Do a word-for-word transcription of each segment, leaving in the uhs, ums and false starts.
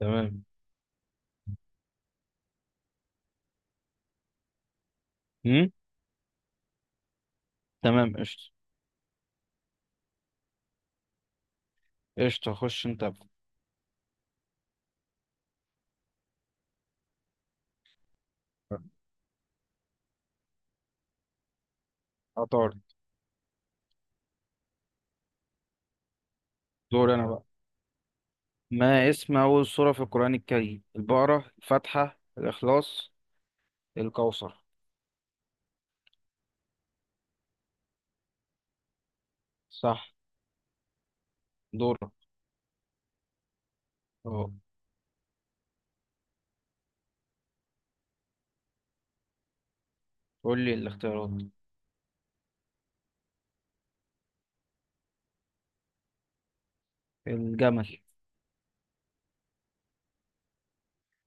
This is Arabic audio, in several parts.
تمام. هم؟ تمام، قشطة. قشطة، خش انت. عطارد. دور انا بقى. ما اسم اول سورة في القرآن الكريم؟ البقرة، الفاتحة، الاخلاص، الكوثر. صح. دورك. اهو. قول لي الاختيارات. الجمل.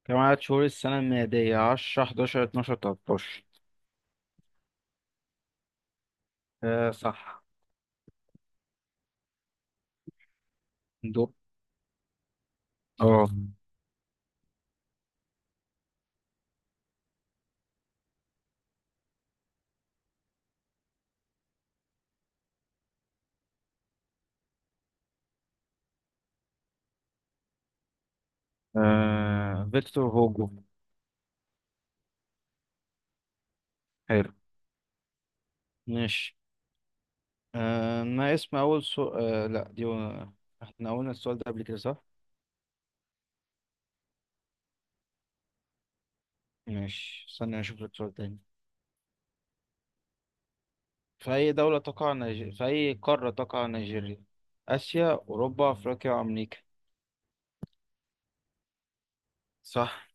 كم عدد شهور السنة الميلادية؟ عشرة، أحد عشر، اثنا عشر، تلتاشر. آه، صح. دور. اه. آه، فيكتور هوجو. حلو. ماشي. آه ما اسم اول سو... آه لا، دي و... احنا قلنا السؤال ده قبل كده، صح؟ ماشي، استنى أشوف لك سؤال تاني. في أي دولة تقع نيجيريا في أي قارة تقع نيجيريا؟ آسيا، أوروبا، أفريقيا، أمريكا. صح.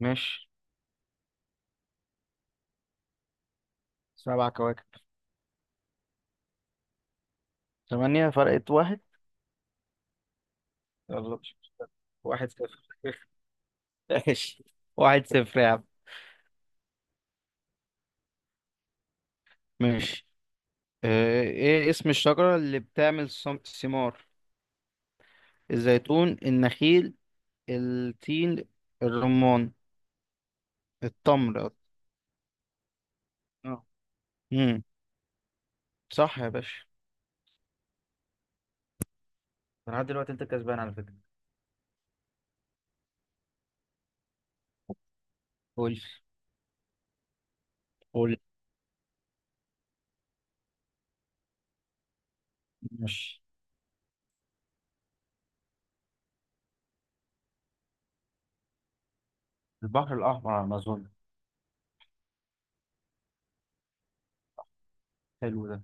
ماشي. سبع كواكب. ثمانية، فرقت واحد. يلا مش مشكلة. واحد صفر. ماشي. واحد صفر يا عم. ماشي. آه، ايه اسم الشجرة اللي بتعمل صم- ثمار؟ الزيتون، النخيل، التين، الرمان. التمر. اه. امم، صح يا باشا. لحد دلوقتي انت كسبان على فكرة. قول. قول. ماشي. البحر الأحمر على الأمازون. حلو ده.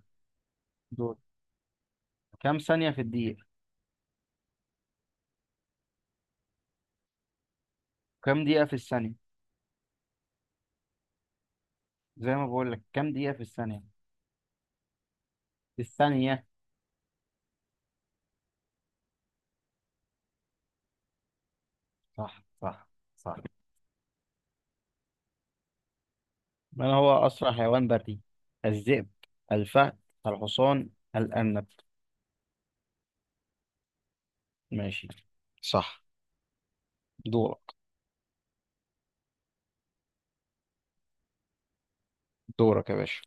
دول. كام ثانية في الدقيقة؟ كام دقيقة في الثانية؟ زي ما بقول لك، كام دقيقة في الثانية؟ في الثانية. صح، صح. صح. من هو أسرع حيوان بري؟ الذئب، الفهد، الحصان، الأرنب. ماشي. صح. دورك. دورك يا باشا.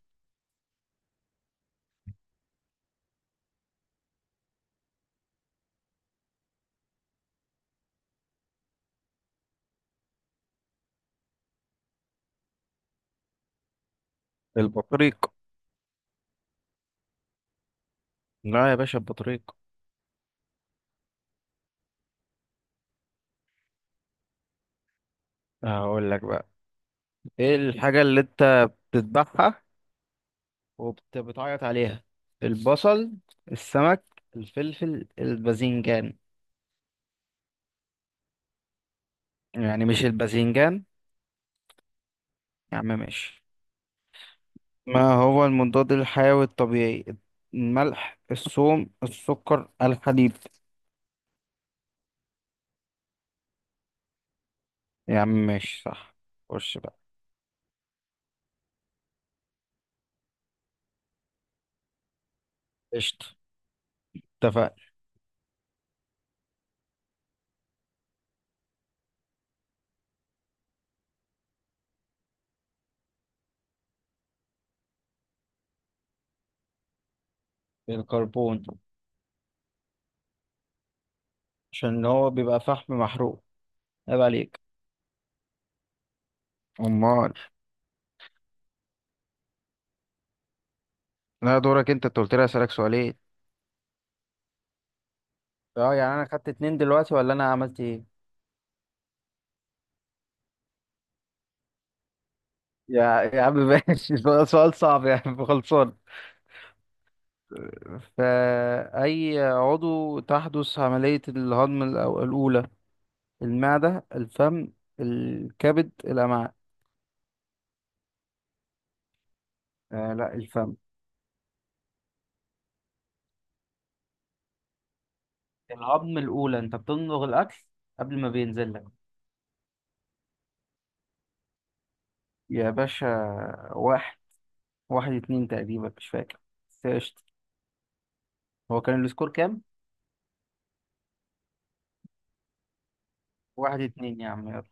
البطريق. لا يا باشا، البطريق. هقول لك بقى. ايه الحاجة اللي انت بتذبحها وبتعيط عليها؟ البصل، السمك، الفلفل، الباذنجان. يعني مش الباذنجان. يا عم ماشي. ما هو المضاد الحيوي الطبيعي؟ الملح، الثوم، السكر، الحديد. يا عم ماشي، صح. خش بقى. قشطة، اتفقنا. الكربون. عشان هو بيبقى فحم محروق. عيب عليك. امال. لا، دورك. انت انت قلت لي اسالك سؤالين. اه، يعني انا خدت اتنين دلوقتي ولا انا عملت ايه؟ يا يا عم ماشي. سؤال، سؤال صعب يا عم، خلصان. فأي عضو تحدث عملية الهضم الأو- الأولى؟ المعدة، الفم، الكبد، الأمعاء. آه، لا، الفم. الهضم الأولى أنت بتمضغ الأكل قبل ما بينزل لك. يا باشا. واحد واحد اتنين تقريبا، مش فاكر. بس قشطة. هو كان السكور كام؟ واحد اتنين يا عم، يلا.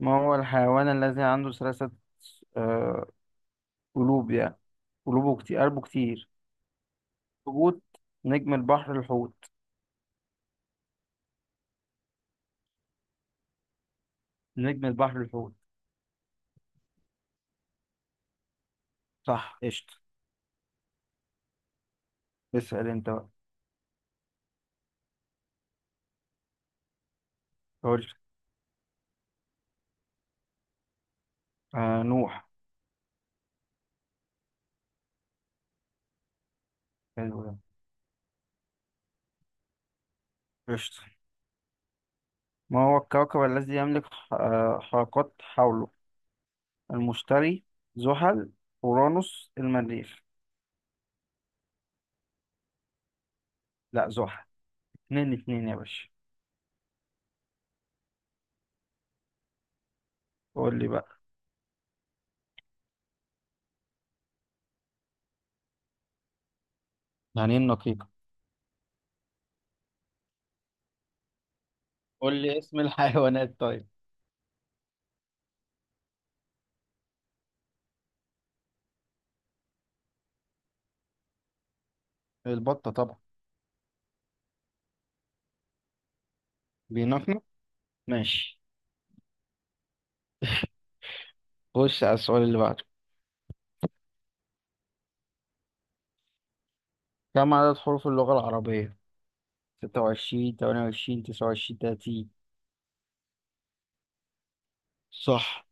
ما هو الحيوان الذي عنده ثلاثة آه، قلوب يعني؟ قلوبه كتير، قلبه كتير. حوت. نجم البحر، الحوت. نجم البحر، الحوت. صح قشطة. اسأل انت بقى. قول. آه، نوح. حلو ده. قشطة. ما هو الكوكب الذي يملك ح- آه حلقات حوله؟ المشتري، زحل، أورانوس، المريخ. لا، زحل. اتنين اتنين يا باشا. قول لي بقى. يعني ايه النقيقة؟ قول لي اسم الحيوانات طيب. البطة طبعا. بينحنى. ماشي. خش على السؤال اللي بعده. كم عدد حروف اللغة العربية؟ ستة وعشرين، تمانية وعشرين، تسعة وعشرين، تلاتين. صح.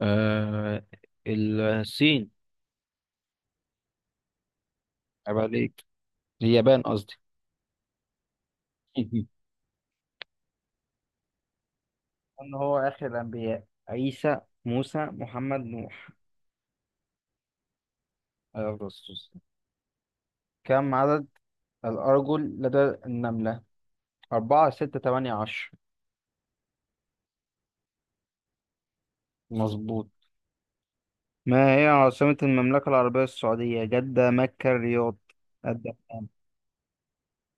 آه، الصين. عيب عليك. اليابان، قصدي. مهم. ان هو اخر الانبياء؟ عيسى، موسى، محمد، نوح. عليه أفضل الصلاة والسلام. كم عدد الارجل لدى النملة؟ أربعة، ستة، تمانية، عشر. مظبوط. ما هي عاصمة المملكة العربية السعودية؟ جدة، مكة، الرياض، الدمام.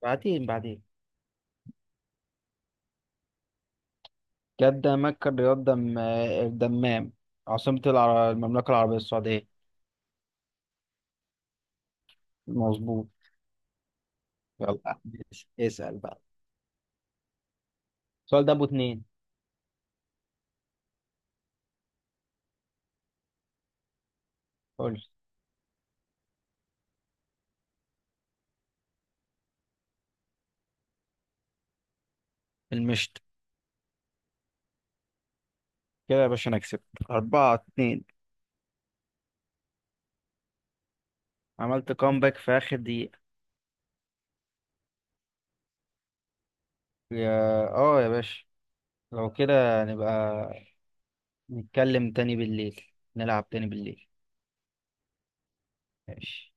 بعدين، بعدين. جدة، مكة، الرياض، دم الدمام. عاصمة العر... المملكة العربية السعودية. مظبوط. يلا ماشي. اسأل بقى. السؤال ده أبو اتنين. قول. المشت. كده يا باشا، أنا كسبت. أربعة اتنين. عملت كومباك في آخر دقيقة. يا اه يا باشا. لو كده نبقى نتكلم تاني بالليل. نلعب تاني بالليل. ماشي.